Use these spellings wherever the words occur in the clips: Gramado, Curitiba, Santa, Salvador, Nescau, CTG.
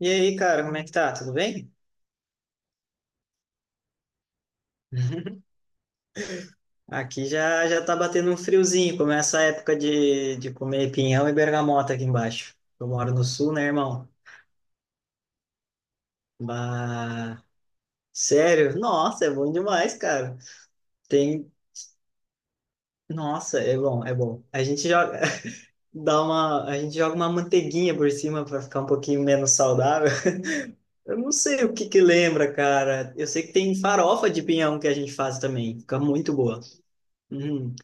E aí, cara, como é que tá? Tudo bem? Aqui já tá batendo um friozinho, começa a época de comer pinhão e bergamota aqui embaixo. Eu moro no sul, né, irmão? Bah, sério? Nossa, é bom demais, cara. Tem, nossa, é bom, é bom. A gente joga dá uma, a gente joga uma manteiguinha por cima para ficar um pouquinho menos saudável. Eu não sei o que que lembra, cara. Eu sei que tem farofa de pinhão que a gente faz também, fica muito boa. Uhum.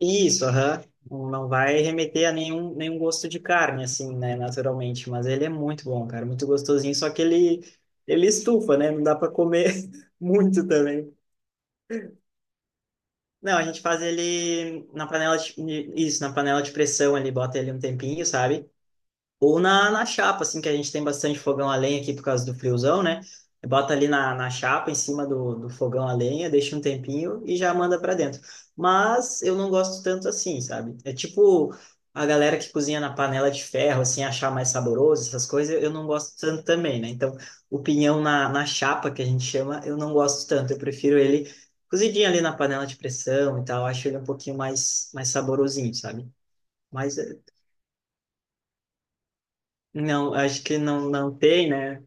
Isso, aham. Não vai remeter a nenhum gosto de carne, assim, né, naturalmente. Mas ele é muito bom, cara, muito gostosinho. Só que ele estufa, né? Não dá para comer muito também. Não, a gente faz ele na panela de, isso, na panela de pressão ali, bota ele um tempinho, sabe? Ou na chapa, assim, que a gente tem bastante fogão a lenha aqui por causa do friozão, né? Bota ali na chapa, em cima do fogão a lenha, deixa um tempinho e já manda para dentro. Mas eu não gosto tanto assim, sabe? É tipo a galera que cozinha na panela de ferro, assim, achar mais saboroso, essas coisas, eu não gosto tanto também, né? Então, o pinhão na chapa, que a gente chama, eu não gosto tanto. Eu prefiro ele cozidinho ali na panela de pressão e tal. Acho ele um pouquinho mais saborosinho, sabe? Mas não, acho que não, não tem, né?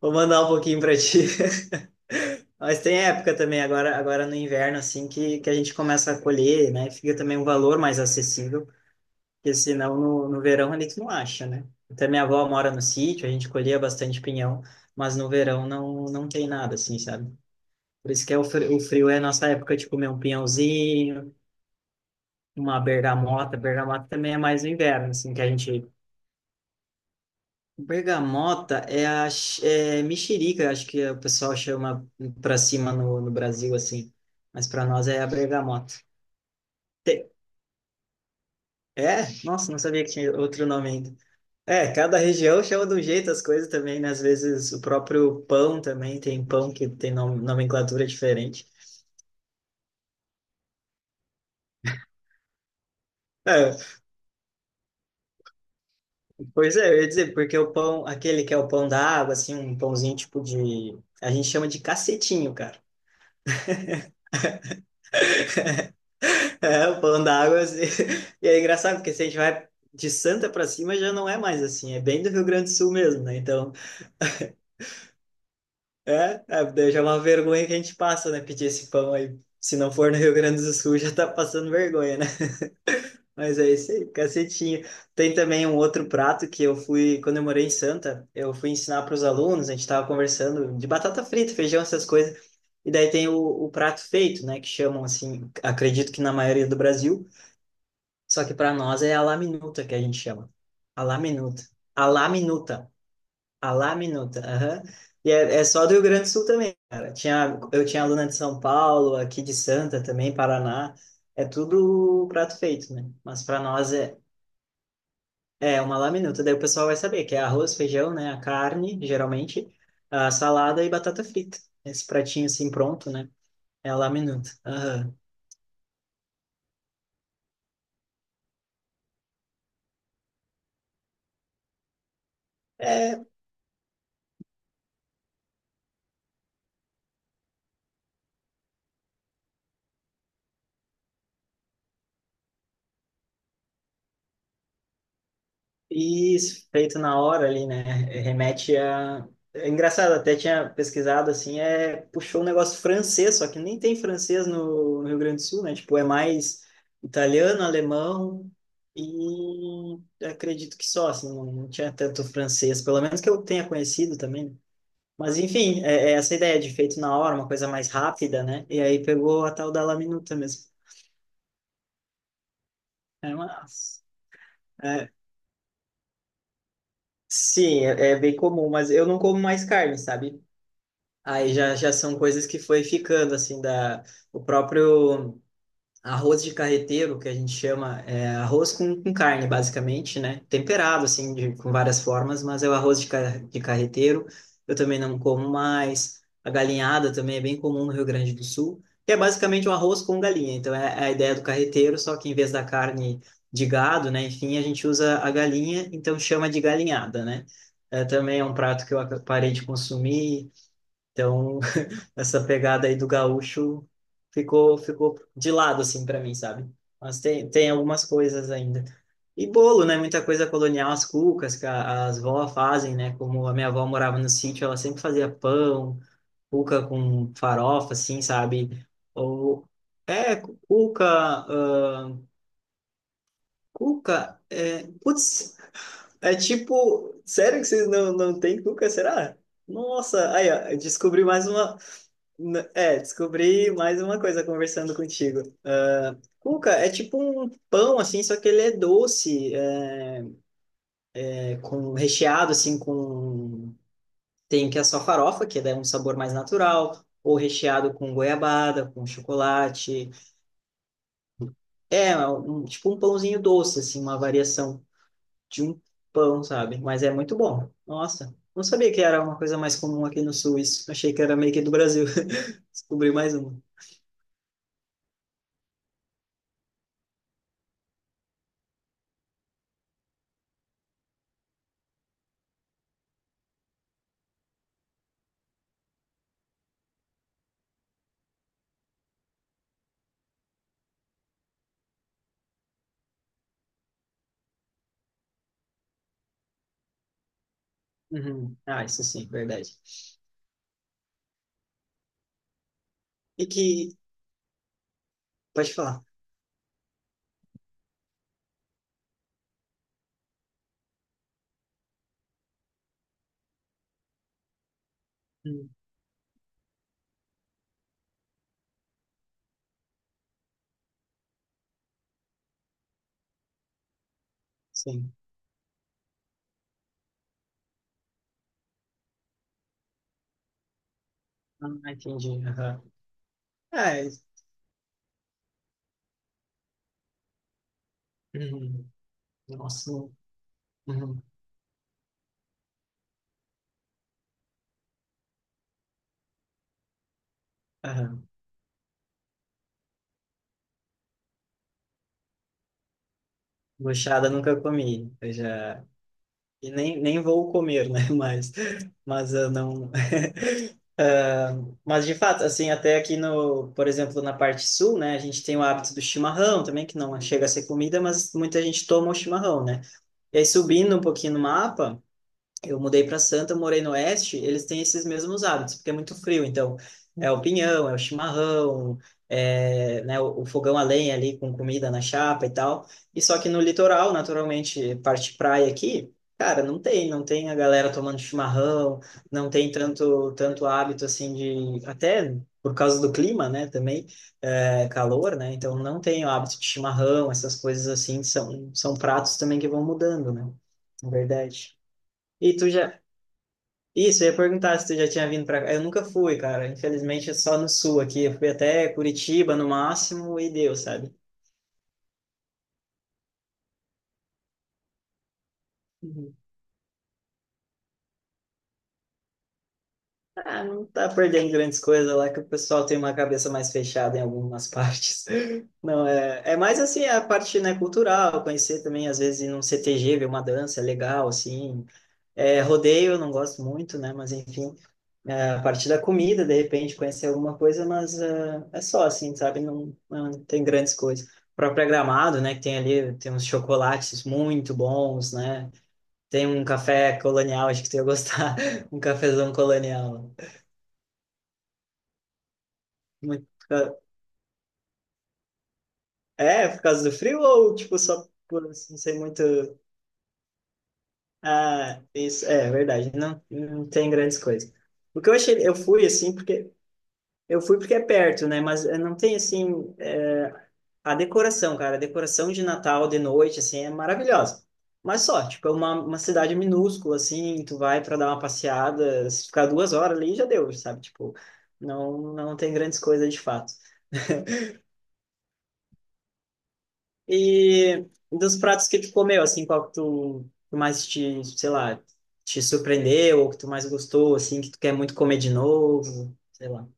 Vou mandar um pouquinho para ti. Mas tem época também, agora no inverno, assim, que a gente começa a colher, né? Fica também um valor mais acessível, porque senão no verão a gente não acha, né? Até minha avó mora no sítio, a gente colhia bastante pinhão, mas no verão não, não tem nada, assim, sabe? Por isso que é o frio é a nossa época de comer um pinhãozinho, uma bergamota. Bergamota também é mais no inverno, assim, que a gente. Bergamota é a é mexerica, acho que o pessoal chama pra cima no Brasil, assim. Mas pra nós é a bergamota. Te- É? Nossa, não sabia que tinha outro nome ainda. É, cada região chama de um jeito as coisas também, né? Às vezes o próprio pão também tem pão que tem nomenclatura diferente. É, pois é, eu ia dizer, porque o pão, aquele que é o pão da água, assim, um pãozinho tipo de. A gente chama de cacetinho, cara. É, falando da água, assim, e é engraçado, porque se a gente vai de Santa para cima, já não é mais assim, é bem do Rio Grande do Sul mesmo, né? Então, daí já é uma vergonha que a gente passa, né? Pedir esse pão aí. Se não for no Rio Grande do Sul, já tá passando vergonha, né? Mas é isso aí, cacetinho. Tem também um outro prato que eu fui, quando eu morei em Santa, eu fui ensinar para os alunos, a gente tava conversando de batata frita, feijão, essas coisas. E daí tem o prato feito, né? Que chamam assim, acredito que na maioria do Brasil. Só que para nós é a la minuta que a gente chama. A la minuta. A la minuta. A la minuta. Aham. E é, é só do Rio Grande do Sul também, cara. Tinha, eu tinha aluna de São Paulo, aqui de Santa também, Paraná. É tudo prato feito, né? Mas para nós é uma la minuta. Daí o pessoal vai saber que é arroz, feijão, né? A carne, geralmente, a salada e batata frita. Esse pratinho assim pronto, né? É a la minuta. Aham. É, isso, feito na hora ali, né? Remete a. É engraçado, até tinha pesquisado assim, puxou um negócio francês, só que nem tem francês no Rio Grande do Sul, né? Tipo, é mais italiano, alemão e acredito que só, assim, não, não tinha tanto francês, pelo menos que eu tenha conhecido também, né? Mas enfim, é essa ideia de feito na hora, uma coisa mais rápida, né? E aí pegou a tal da laminuta mesmo. É, mas... é, sim, é bem comum, mas eu não como mais carne, sabe? Aí já são coisas que foi ficando, assim, da, o próprio arroz de carreteiro, que a gente chama, é arroz com carne, basicamente, né? Temperado, assim, com várias formas, mas é o arroz de carreteiro, eu também não como mais. A galinhada também é bem comum no Rio Grande do Sul, que é basicamente um arroz com galinha. Então, é, é a ideia do carreteiro, só que em vez da carne de gado, né? Enfim, a gente usa a galinha, então chama de galinhada, né? É, também é um prato que eu parei de consumir. Então, essa pegada aí do gaúcho ficou de lado assim para mim, sabe? Mas tem algumas coisas ainda. E bolo, né? Muita coisa colonial, as cucas que as vó fazem, né? Como a minha avó morava no sítio, ela sempre fazia pão, cuca com farofa, assim, sabe? Ou é cuca, ah, cuca, é, putz, é tipo, sério que vocês não tem cuca, será? Nossa, aí ó, eu descobri mais uma. É, descobri mais uma coisa conversando contigo. Ah, cuca é tipo um pão, assim, só que ele é doce, é, com recheado, assim, com... Tem que é só farofa, que dá um sabor mais natural, ou recheado com goiabada, com chocolate. É, é tipo um pãozinho doce, assim, uma variação de um pão, sabe? Mas é muito bom. Nossa, não sabia que era uma coisa mais comum aqui no Sul, isso. Achei que era meio que do Brasil. Descobri mais uma. Uhum. Ah, isso sim, verdade. E que. Pode falar. Hum, sim. Ah, entendi. Aham. É. Uhum. Nossa. Uhum. Aham. Buchada eu nunca comi. Eu já... E nem, nem vou comer, né? Mas eu não... Ah, mas de fato, assim, até aqui no, por exemplo, na parte sul, né, a gente tem o hábito do chimarrão também, que não chega a ser comida, mas muita gente toma o chimarrão, né? E aí subindo um pouquinho no mapa, eu mudei para Santa, morei no Oeste, eles têm esses mesmos hábitos, porque é muito frio, então é o pinhão, é o chimarrão, é, né, o fogão a lenha ali com comida na chapa e tal. E só que no litoral, naturalmente, parte praia aqui, cara, não tem, não tem a galera tomando chimarrão, não tem tanto hábito assim de até por causa do clima, né, também é, calor, né? Então não tem o hábito de chimarrão, essas coisas assim são pratos também que vão mudando, né? Na verdade. E isso, eu ia perguntar se tu já tinha vindo pra cá. Eu nunca fui, cara. Infelizmente, é só no sul aqui. Eu fui até Curitiba no máximo e deu, sabe? Uhum. Ah, não tá perdendo grandes coisas lá que o pessoal tem uma cabeça mais fechada em algumas partes. Não, é, é mais assim a parte, né, cultural, conhecer também, às vezes, ir num CTG, ver uma dança, é legal, assim. É, rodeio eu não gosto muito, né, mas enfim. É, a partir da comida, de repente, conhecer alguma coisa, mas é, é só assim, sabe? Não, não tem grandes coisas. O próprio Gramado, né? Que tem ali, tem uns chocolates muito bons, né? Tem um café colonial, acho que tu ia gostar. Um cafezão colonial. Muito- é, é por causa do frio ou, tipo, só por, assim, ser muito... Ah, isso, é verdade. Não, não tem grandes coisas. O que eu achei... Eu fui, assim, porque... Eu fui porque é perto, né? Mas não tem, assim a decoração, cara, a decoração de Natal de noite, assim, é maravilhosa. Mas só, tipo, é uma cidade minúscula, assim, tu vai para dar uma passeada, se ficar duas horas ali, já deu, sabe? Tipo, não, não tem grandes coisas de fato. E dos pratos que tu comeu, assim, qual que tu mais te, sei lá, te surpreendeu, ou que tu mais gostou, assim, que tu quer muito comer de novo, sei lá.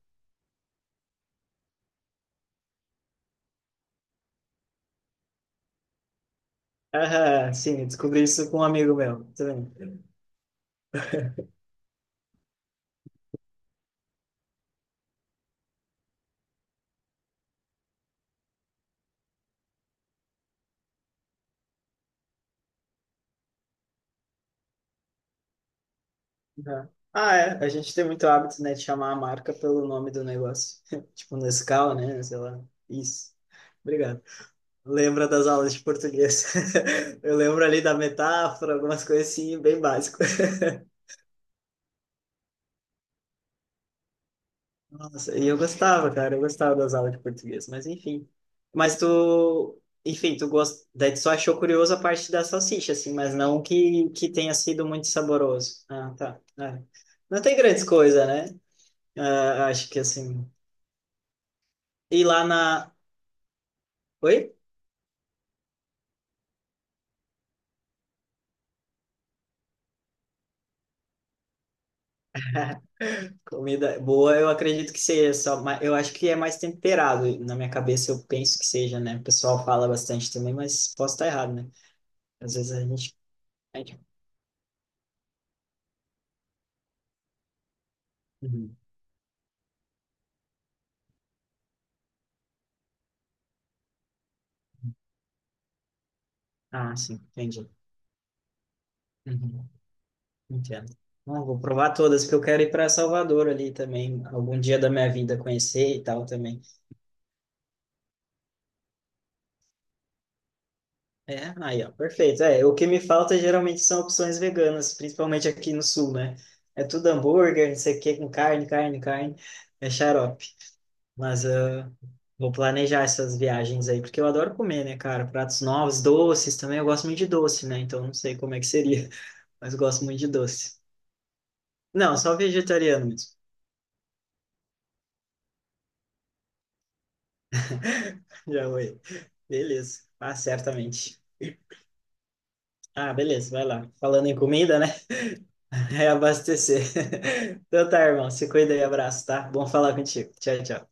Aham, sim, eu descobri isso com um amigo meu, também. Uhum. Ah, é. A gente tem muito hábito, né, de chamar a marca pelo nome do negócio. Tipo Nescau, né? Sei lá. Isso. Obrigado. Lembra das aulas de português. Eu lembro ali da metáfora, algumas coisas assim, bem básicas. Nossa, e eu gostava, cara. Eu gostava das aulas de português, mas enfim. Mas tu... Enfim, tu gost... Daí tu só achou curioso a parte da salsicha, assim, mas não que tenha sido muito saboroso. Ah, tá. É. Não tem grandes coisas, né? Ah, acho que assim... E lá na, oi? Comida boa, eu acredito que seja só, eu acho que é mais temperado. Na minha cabeça eu penso que seja, né? O pessoal fala bastante também, mas posso estar errado, né? Às vezes a gente- uhum. Ah, sim, entendi. Uhum. Entendo. Bom, vou provar todas, porque eu quero ir para Salvador ali também, algum dia da minha vida conhecer e tal também. É, aí, ó, perfeito. É, o que me falta geralmente são opções veganas, principalmente aqui no sul, né? É tudo hambúrguer, não sei o que, com carne, carne, carne. É xarope. Mas vou planejar essas viagens aí, porque eu adoro comer, né, cara? Pratos novos, doces também. Eu gosto muito de doce, né? Então não sei como é que seria, mas eu gosto muito de doce. Não, só vegetariano mesmo. Já foi. Beleza. Ah, certamente. Ah, beleza, vai lá. Falando em comida, né? Reabastecer. Então tá, irmão. Se cuida e abraço, tá? Bom falar contigo. Tchau, tchau.